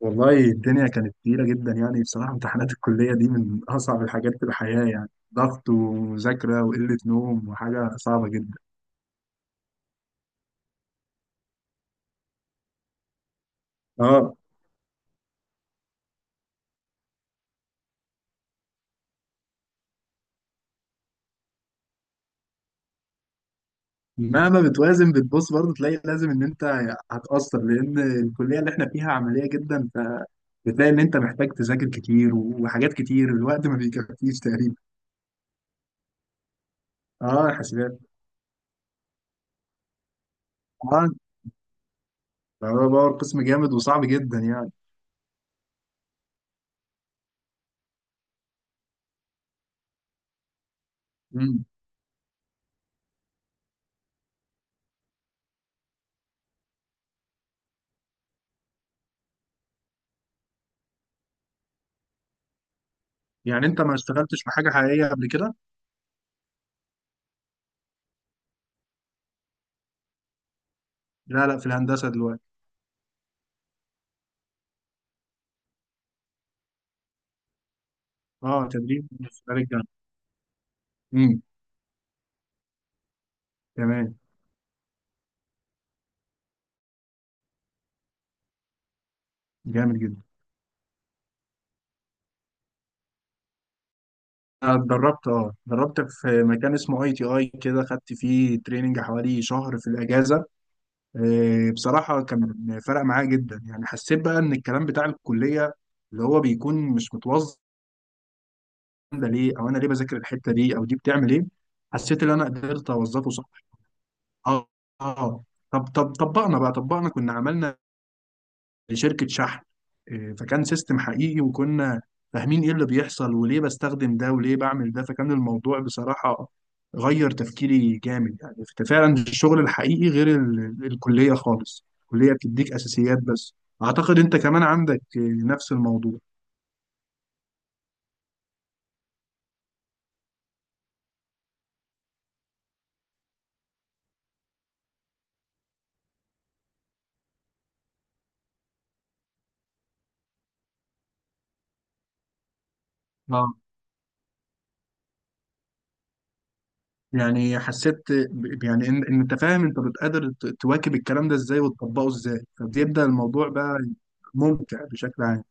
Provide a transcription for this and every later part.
والله الدنيا كانت تقيلة جدا، يعني بصراحة امتحانات الكلية دي من أصعب الحاجات في الحياة، يعني ضغط ومذاكرة وقلة نوم وحاجة صعبة جدا. اه. مهما بتوازن بتبص برضه تلاقي لازم إن أنت هتأثر، لأن الكلية اللي إحنا فيها عملية جدا، فبتلاقي إن أنت محتاج تذاكر كتير وحاجات كتير، الوقت ما بيكفيش تقريبا. اه، حاسبات. اه، ده هو باور، قسم جامد وصعب جدا يعني. مم. يعني أنت ما اشتغلتش في حاجة حقيقية قبل كده؟ لا، لا، في الهندسة دلوقتي. اه، تدريب في خارج. تمام. جامد جدا. أنا اتدربت في مكان اسمه اي تي اي، كده خدت فيه تريننج حوالي شهر في الاجازه. بصراحه كان فرق معايا جدا، يعني حسيت بقى ان الكلام بتاع الكليه اللي هو بيكون مش متوظف، ده ليه، او انا ليه بذاكر الحته دي، او دي بتعمل ايه. حسيت ان انا قدرت اوظفه صح. اه. اه. طب طب طبقنا كنا عملنا لشركة شحن. فكان سيستم حقيقي وكنا فاهمين ايه اللي بيحصل وليه بستخدم ده وليه بعمل ده، فكان الموضوع بصراحة غير تفكيري جامد يعني. فعلا الشغل الحقيقي غير الكلية خالص، الكلية بتديك أساسيات بس. أعتقد أنت كمان عندك نفس الموضوع. اه. يعني حسيت يعني إن أنت فاهم أنت بتقدر تواكب الكلام ده إزاي وتطبقه إزاي، فبيبدأ الموضوع بقى ممتع بشكل عام.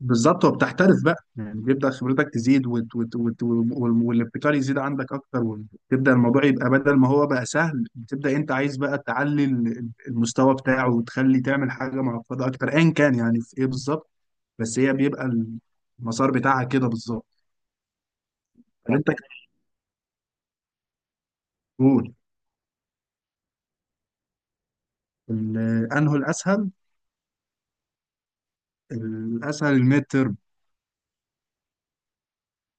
بالظبط، وبتحترف بقى، يعني بيبدأ خبرتك تزيد والابتكار يزيد عندك أكتر، وتبدأ الموضوع يبقى بدل ما هو بقى سهل، بتبدأ أنت عايز بقى تعلي المستوى بتاعه وتخلي تعمل حاجة معقدة أكتر أيا كان يعني في إيه بالظبط. بس هي بيبقى المسار بتاعها كده بالظبط. فأنت تقول أنه الأسهل. الأسهل الميد ترم.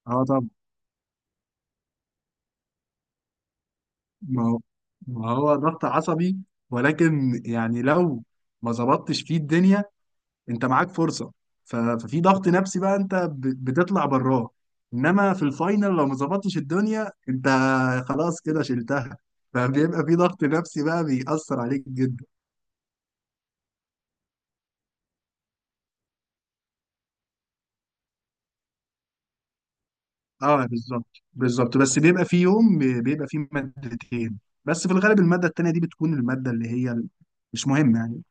أه، طبعا. ما هو ما هو ضغط عصبي، ولكن يعني لو ما ظبطتش فيه الدنيا انت معاك فرصه، ففي ضغط نفسي بقى، انت بتطلع براه. انما في الفاينل لو ما ظبطتش الدنيا انت خلاص كده شلتها، فبيبقى في ضغط نفسي بقى بيأثر عليك جدا. اه، بالظبط بالظبط، بس بيبقى في يوم بيبقى فيه مادتين. بس في الغالب الماده التانيه دي بتكون الماده اللي هي مش مهمه يعني.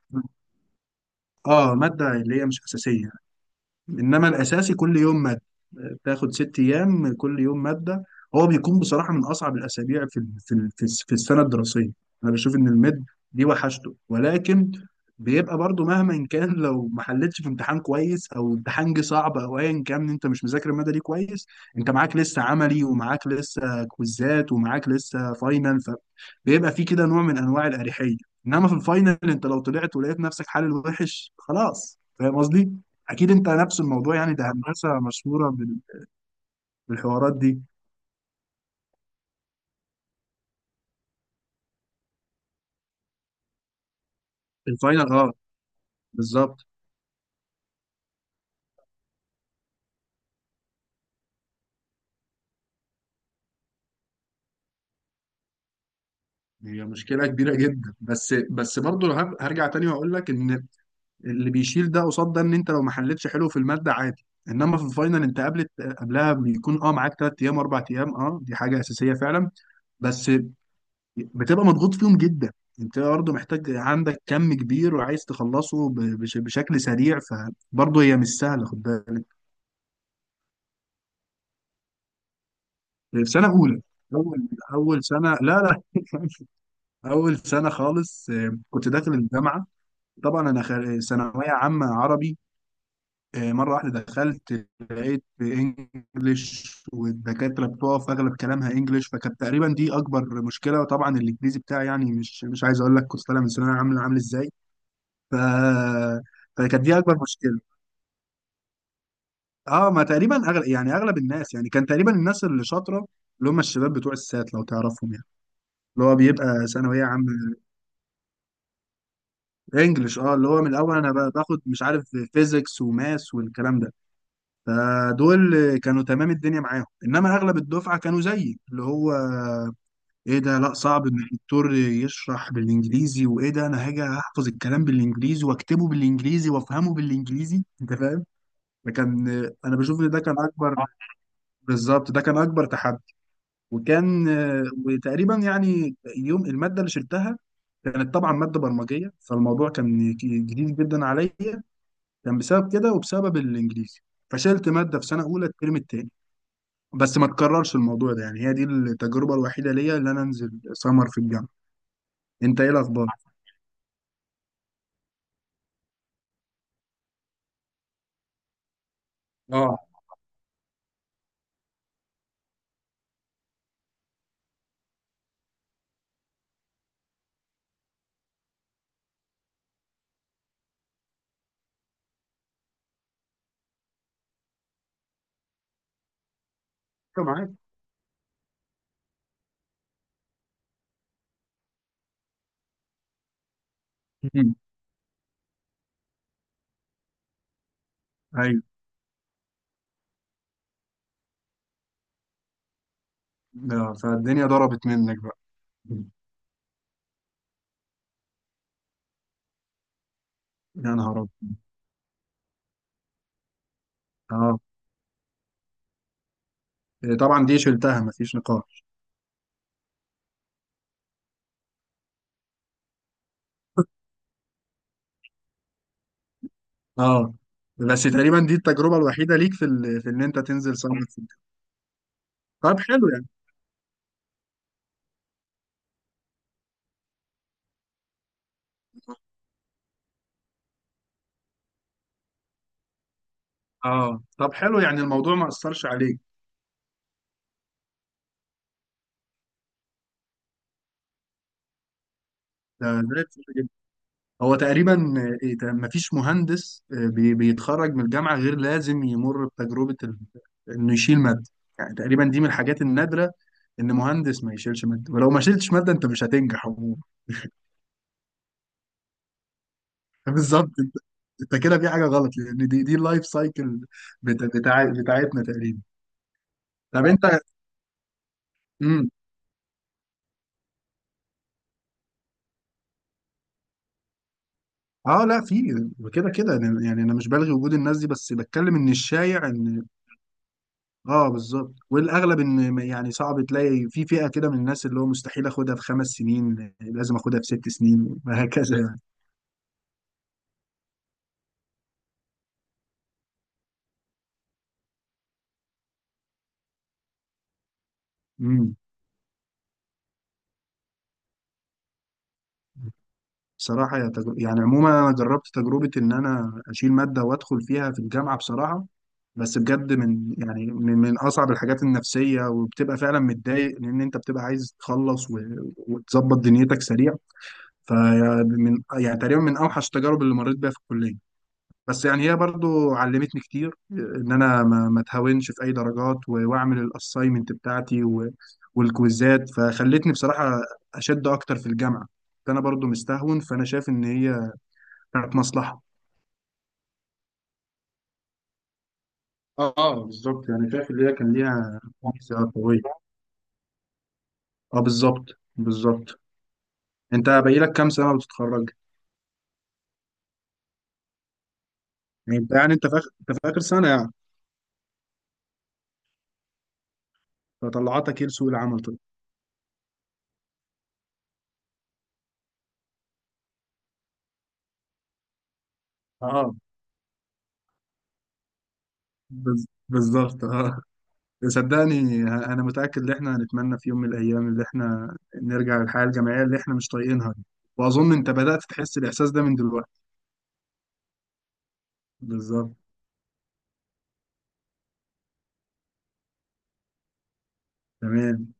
اه، ماده اللي هي مش اساسيه. انما الاساسي كل يوم ماده، بتاخد 6 ايام كل يوم ماده، هو بيكون بصراحه من اصعب الاسابيع في السنه الدراسيه. انا بشوف ان الميد دي وحشته، ولكن بيبقى برضو مهما كان لو ما حلتش في امتحان كويس، او امتحان جه صعب، او ايا كان انت مش مذاكر الماده دي كويس. انت معاك لسه عملي، ومعاك لسه كويزات، ومعاك لسه فاينل، فبيبقى في كده نوع من انواع الاريحيه. انما في الفاينل انت لو طلعت ولقيت نفسك حل وحش خلاص، فاهم قصدي؟ اكيد انت نفس الموضوع، يعني ده هندسه مشهوره بالحوارات دي. الفاينل اه بالظبط. هي مشكله كبيره جدا، بس برضه هرجع تاني واقول لك ان اللي بيشيل ده قصاد ده ان انت لو ما حلتش حلو في الماده عادي، انما في الفاينل انت قبلها بيكون معاك 3 ايام 4 ايام، دي حاجه اساسيه فعلا. بس بتبقى مضغوط فيهم جدا، انت برضه محتاج عندك كم كبير وعايز تخلصه بشكل سريع، فبرضه هي مش سهله خد بالك. سنة أولى، أول أول سنة، لا، لا، أول سنة خالص، كنت داخل الجامعة. طبعا أنا ثانوية عامة عربي. مرة واحدة دخلت لقيت إنجليش، والدكاترة بتقف أغلب كلامها إنجليش، فكانت تقريبا دي أكبر مشكلة، وطبعا الإنجليزي بتاعي يعني مش عايز أقول لك كنت طالع من ثانوية عامة عامل إزاي. ف فكانت دي أكبر مشكلة. أه، ما تقريبا أغلب الناس، يعني كان تقريبا الناس اللي شاطرة، اللي هم الشباب بتوع السات لو تعرفهم يعني، اللي هو بيبقى ثانوية عامة انجلش، اللي هو من الاول انا باخد مش عارف فيزيكس وماس والكلام ده. فدول كانوا تمام الدنيا معاهم، انما اغلب الدفعه كانوا زيي، اللي هو ايه ده، لا صعب ان الدكتور يشرح بالانجليزي، وايه ده انا هاجي احفظ الكلام بالانجليزي واكتبه بالانجليزي وافهمه بالانجليزي انت فاهم. فكان انا بشوف ان ده كان اكبر، بالظبط ده كان اكبر تحدي، وكان وتقريبا يعني يوم الماده اللي شلتها كانت طبعا ماده برمجيه، فالموضوع كان جديد جدا عليا، كان بسبب كده وبسبب الانجليزي، فشلت ماده في سنه اولى الترم التاني. بس ما تكررش الموضوع ده يعني، هي دي التجربه الوحيده ليا اللي انا انزل سمر في الجامعه. انت ايه الاخبار؟ اه، أيوة معاك. مم. ايوه. فالدنيا ضربت منك بقى. مم. يا نهار ابيض. اه. إيه، طبعا دي شلتها مفيش نقاش. اه، بس تقريبا دي التجربه الوحيده ليك في ان انت تنزل سمر في الجامعه. طب حلو يعني. اه، طب حلو يعني الموضوع ما اثرش عليك. ده هو تقريبا، مفيش مهندس بيتخرج من الجامعة غير لازم يمر بتجربة انه يشيل مادة. يعني تقريبا دي من الحاجات النادرة، ان مهندس ما يشيلش مادة، ولو ما شيلتش مادة انت مش هتنجح عموما. بالظبط، انت كده في حاجة غلط، لان دي اللايف سايكل بتاعتنا تقريبا. طب انت. امم اه لا، في كده كده، يعني انا مش بلغي وجود الناس دي، بس بتكلم ان الشايع ان، اه، بالظبط، والاغلب ان يعني صعب تلاقي في فئه كده من الناس اللي هو مستحيل اخدها في 5 سنين، لازم اخدها في 6 سنين، وهكذا يعني. امم بصراحه يعني عموما انا جربت تجربه ان انا اشيل ماده وادخل فيها في الجامعه بصراحه، بس بجد من اصعب الحاجات النفسيه، وبتبقى فعلا متضايق، لان انت بتبقى عايز تخلص وتظبط دنيتك سريع. فمن يعني تقريبا من اوحش التجارب اللي مريت بيها في الكليه، بس يعني هي برضو علمتني كتير ان انا ما اتهاونش في اي درجات واعمل الاساينمنت بتاعتي والكويزات، فخلتني بصراحه اشد اكتر في الجامعه. فانا برضو مستهون، فانا شايف ان هي كانت مصلحه. اه، بالظبط يعني شايف ان هي كان ليها ميزه قويه. اه، بالظبط بالظبط، انت باقي لك كام سنه وتتخرج؟ يعني انت في اخر سنه يعني. فطلعتك ايه لسوق العمل طيب؟ اه، بالظبط اه. صدقني انا متاكد ان احنا هنتمنى في يوم من الايام اللي احنا نرجع للحياه الجامعيه اللي احنا مش طايقينها دي، واظن انت بدات تحس الاحساس ده من دلوقتي. بالظبط، تمام.